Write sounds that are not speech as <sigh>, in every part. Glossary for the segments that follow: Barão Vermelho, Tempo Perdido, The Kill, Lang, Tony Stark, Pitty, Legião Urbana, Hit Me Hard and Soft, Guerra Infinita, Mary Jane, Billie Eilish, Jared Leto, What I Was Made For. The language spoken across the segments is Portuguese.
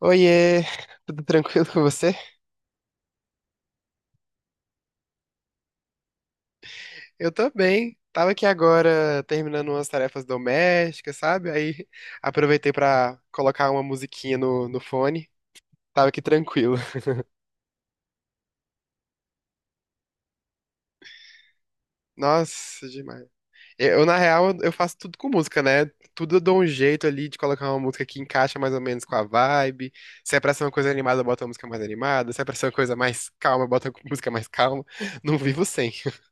Oiê, tudo tranquilo com você? Eu tô bem. Tava aqui agora terminando umas tarefas domésticas, sabe? Aí aproveitei pra colocar uma musiquinha no fone. Tava aqui tranquilo. <laughs> Nossa, demais. Na real, eu faço tudo com música, né? Tudo eu dou um jeito ali de colocar uma música que encaixa mais ou menos com a vibe. Se é pra ser uma coisa animada, eu boto uma música mais animada. Se é pra ser uma coisa mais calma, eu boto <laughs> uma música mais calma. Não vivo sem. <laughs>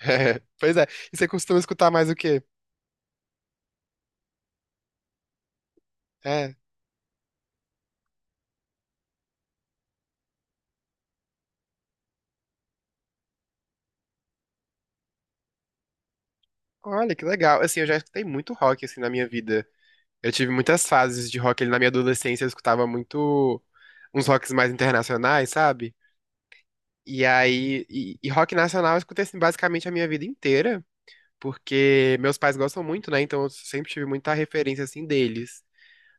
É, pois é. E você costuma escutar mais o quê? É. Olha, que legal. Assim, eu já escutei muito rock, assim, na minha vida. Eu tive muitas fases de rock ali na minha adolescência, eu escutava muito uns rocks mais internacionais, sabe? E aí, e rock nacional eu escutei, assim, basicamente a minha vida inteira, porque meus pais gostam muito, né? Então eu sempre tive muita referência, assim, deles.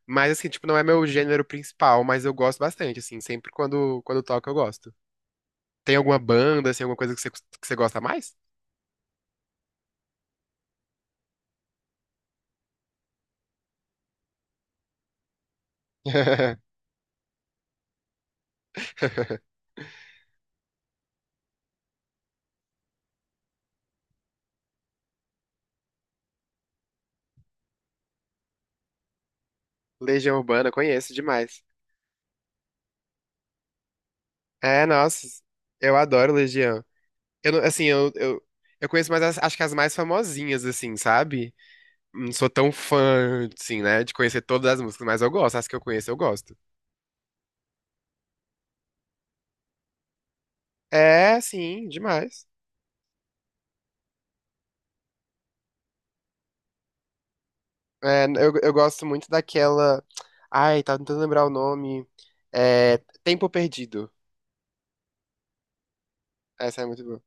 Mas, assim, tipo, não é meu gênero principal, mas eu gosto bastante, assim, sempre quando toco eu gosto. Tem alguma banda, assim, alguma coisa que você gosta mais? <laughs> Legião Urbana, conheço demais. É, nossa, eu adoro Legião. Eu, não- assim, eu conheço mais, acho que as mais famosinhas, assim, sabe? Não sou tão fã, assim, né, de conhecer todas as músicas, mas eu gosto, as que eu conheço eu gosto. É, sim, demais. Eu gosto muito daquela... Ai, tava tentando lembrar o nome. É, Tempo Perdido. Essa é muito boa.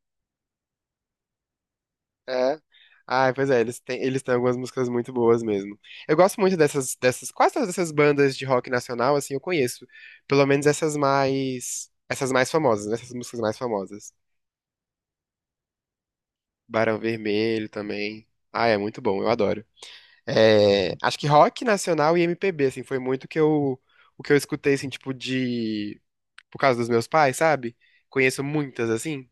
É. Ah, pois é, eles têm algumas músicas muito boas mesmo. Eu gosto muito dessas, quase todas essas bandas de rock nacional, assim, eu conheço. Pelo menos essas mais famosas, né? Essas músicas mais famosas. Barão Vermelho também. Ah, é muito bom, eu adoro. É, acho que rock nacional e MPB, assim, foi muito o que eu escutei, assim, por causa dos meus pais, sabe? Conheço muitas, assim.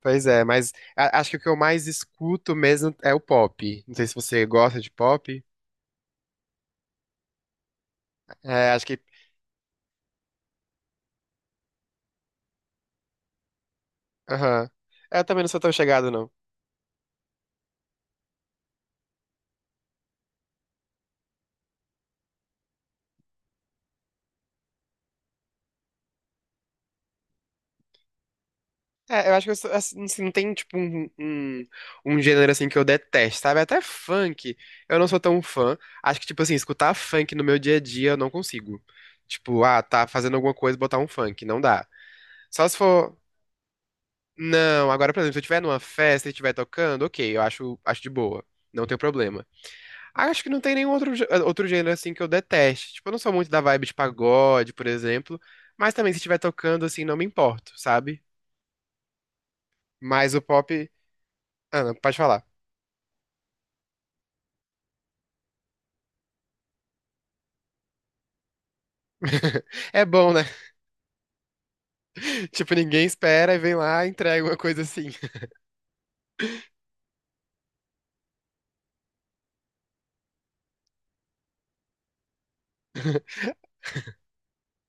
Pois é, mas acho que o que eu mais escuto mesmo é o pop. Não sei se você gosta de pop. É, acho que. Aham. É, eu também não sou tão chegado, não. É, eu acho que eu sou, assim, não tem, tipo, um gênero, assim, que eu detesto, sabe? Até funk, eu não sou tão fã. Acho que, tipo, assim, escutar funk no meu dia a dia, eu não consigo. Tipo, ah, tá fazendo alguma coisa, botar um funk, não dá. Só se for... Não, agora, por exemplo, se eu estiver numa festa e estiver tocando, ok, eu acho de boa. Não tem problema. Acho que não tem nenhum outro, outro gênero assim que eu deteste. Tipo, eu não sou muito da vibe de pagode, por exemplo. Mas também se estiver tocando, assim, não me importo, sabe? Mas o pop. Ah, não, pode falar. <laughs> É bom, né? <laughs> Tipo, ninguém espera e vem lá e entrega uma coisa assim.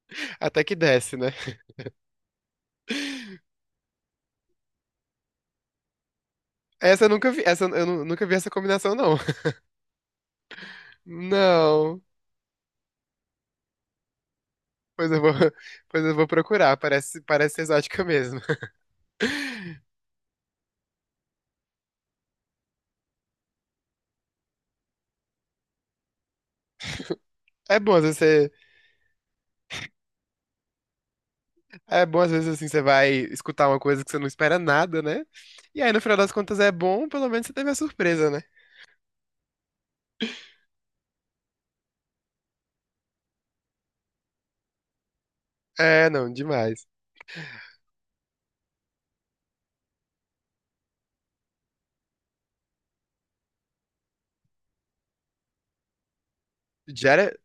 <laughs> Até que desce, né? Essa eu nunca vi, essa nunca vi essa combinação, não. <laughs> Não. Pois eu vou, <laughs> pois eu vou procurar. Parece exótica mesmo. <laughs> É bom às vezes, é bom, às vezes, assim, você vai escutar uma coisa que você não espera nada, né? E aí, no final das contas, é bom, pelo menos você teve a surpresa, né? É, não, demais. Jared...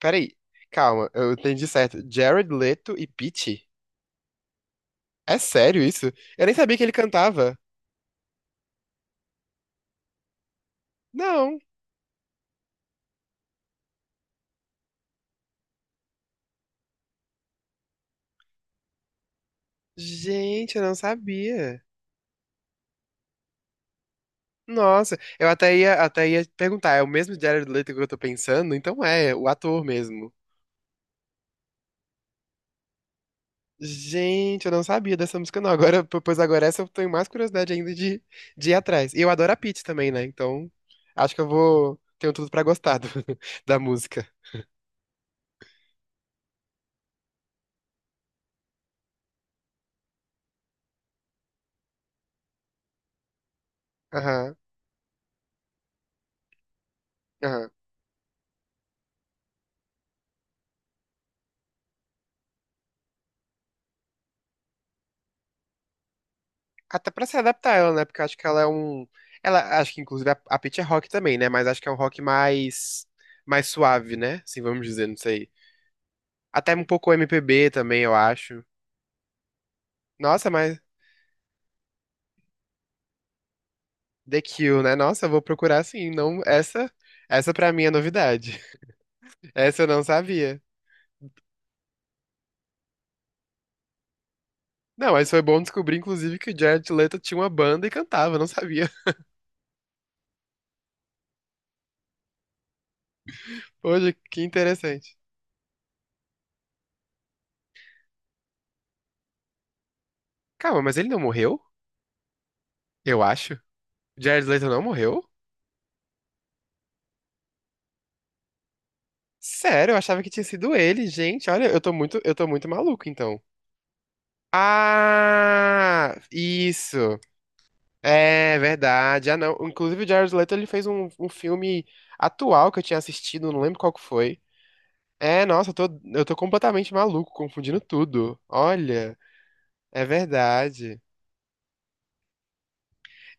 Peraí, calma, eu entendi certo. Jared Leto e Pitty? É sério isso? Eu nem sabia que ele cantava. Não, gente, eu não sabia. Nossa, eu até ia perguntar, é o mesmo Jared Leto que eu tô pensando? Então é, o ator mesmo. Gente, eu não sabia dessa música, não. Agora, pois agora essa eu tenho mais curiosidade ainda de ir atrás. E eu adoro a Pitty também, né? Então, acho que eu vou. Tenho tudo pra gostar <laughs> da música. Aham, aham. Até pra se adaptar ela, né? Porque eu acho que ela é um. Ela, acho que inclusive a Pitty é rock também, né? Mas acho que é um rock mais. Mais suave, né? Assim, vamos dizer, não sei. Até um pouco MPB também, eu acho. Nossa, mas. The Kill, né? Nossa, eu vou procurar sim. Não, essa. Essa pra mim é novidade. <laughs> Essa eu não sabia. Não, mas foi bom descobrir, inclusive, que o Jared Leto tinha uma banda e cantava, não sabia. <laughs> Hoje, que interessante. Calma, mas ele não morreu? Eu acho. O Jared Leto não morreu? Sério, eu achava que tinha sido ele, gente. Olha, eu tô muito maluco, então. Ah, isso. É verdade. Ah, não. Inclusive, o Jared Leto, ele fez um filme atual que eu tinha assistido, não lembro qual que foi. É, nossa, eu tô completamente maluco, confundindo tudo. Olha, é verdade.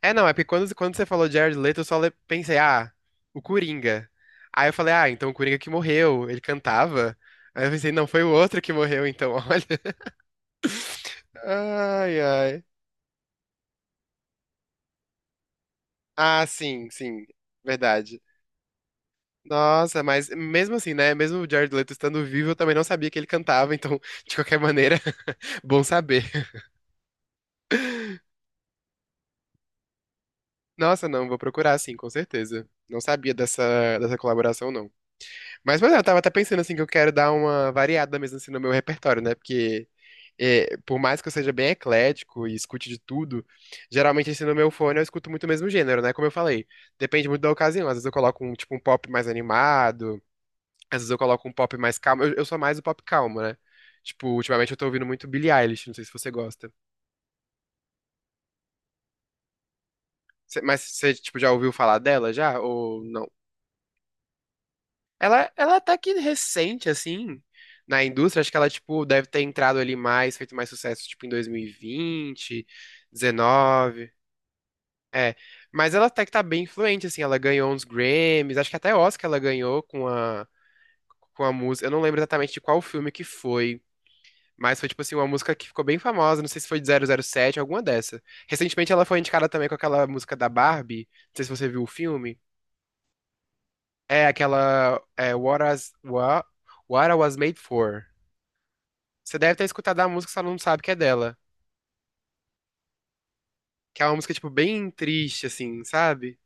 É, não, é porque quando você falou Jared Leto, eu só pensei, ah, o Coringa. Aí eu falei, ah, então o Coringa que morreu, ele cantava. Aí eu pensei, não, foi o outro que morreu, então, <laughs> olha. Ai, ai. Ah, sim, sim, verdade. Nossa, mas mesmo assim, né? Mesmo o Jared Leto estando vivo, eu também não sabia que ele cantava, então, <laughs> de qualquer maneira, <laughs> bom saber. Nossa, não, vou procurar sim, com certeza. Não sabia dessa colaboração, não. Mas, pois é, eu tava até pensando assim que eu quero dar uma variada mesmo assim no meu repertório, né? Porque é, por mais que eu seja bem eclético e escute de tudo, geralmente assim no meu fone eu escuto muito o mesmo gênero, né? Como eu falei, depende muito da ocasião. Às vezes eu coloco um tipo um pop mais animado, às vezes eu coloco um pop mais calmo. Eu sou mais o pop calmo, né? Tipo, ultimamente eu tô ouvindo muito Billie Eilish, não sei se você gosta. Mas você tipo já ouviu falar dela já ou não? Ela até que recente, assim, na indústria, acho que ela, tipo, deve ter entrado ali mais, feito mais sucesso, tipo, em 2020, 19, é. Mas ela até que tá bem influente, assim, ela ganhou uns Grammys, acho que até Oscar ela ganhou com a música, eu não lembro exatamente de qual filme que foi, mas foi, tipo assim, uma música que ficou bem famosa, não sei se foi de 007, alguma dessa. Recentemente ela foi indicada também com aquela música da Barbie, não sei se você viu o filme, é aquela, é, What I Was Made For. Você deve ter escutado a música, só não sabe que é dela. Que é uma música, tipo, bem triste, assim, sabe?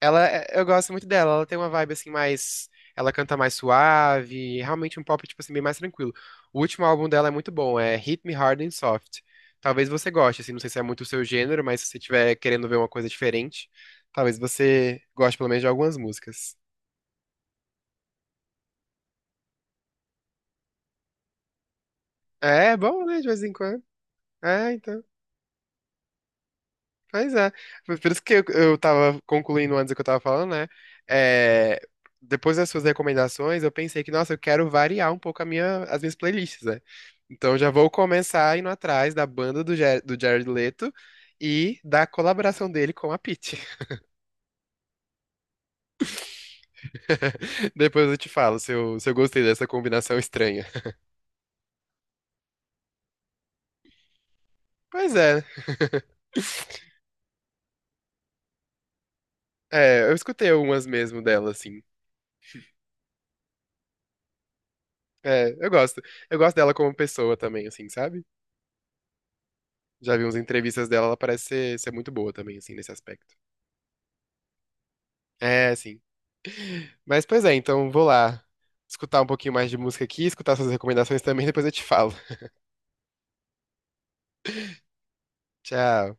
Ela, eu gosto muito dela. Ela tem uma vibe, assim, mais... Ela canta mais suave. Realmente um pop, tipo assim, bem mais tranquilo. O último álbum dela é muito bom. É Hit Me Hard and Soft. Talvez você goste, assim. Não sei se é muito o seu gênero, mas se você estiver querendo ver uma coisa diferente, talvez você goste, pelo menos, de algumas músicas. É, é bom, né? De vez em quando. É, então... Pois é. Foi por isso que eu tava concluindo antes o que eu tava falando, né? É, depois das suas recomendações, eu pensei que, nossa, eu quero variar um pouco as minhas playlists, né? Então já vou começar indo atrás da banda do Jared Leto e da colaboração dele com a Pitty. <laughs> Depois eu te falo se eu gostei dessa combinação estranha. Pois é, é, eu escutei algumas mesmo dela, assim. É, eu gosto. Eu gosto dela como pessoa também, assim, sabe? Já vi umas entrevistas dela, ela parece ser muito boa também, assim, nesse aspecto. É, sim. Mas, pois é, então vou lá escutar um pouquinho mais de música aqui, escutar suas recomendações também, <laughs> depois eu te falo. <laughs> Tchau.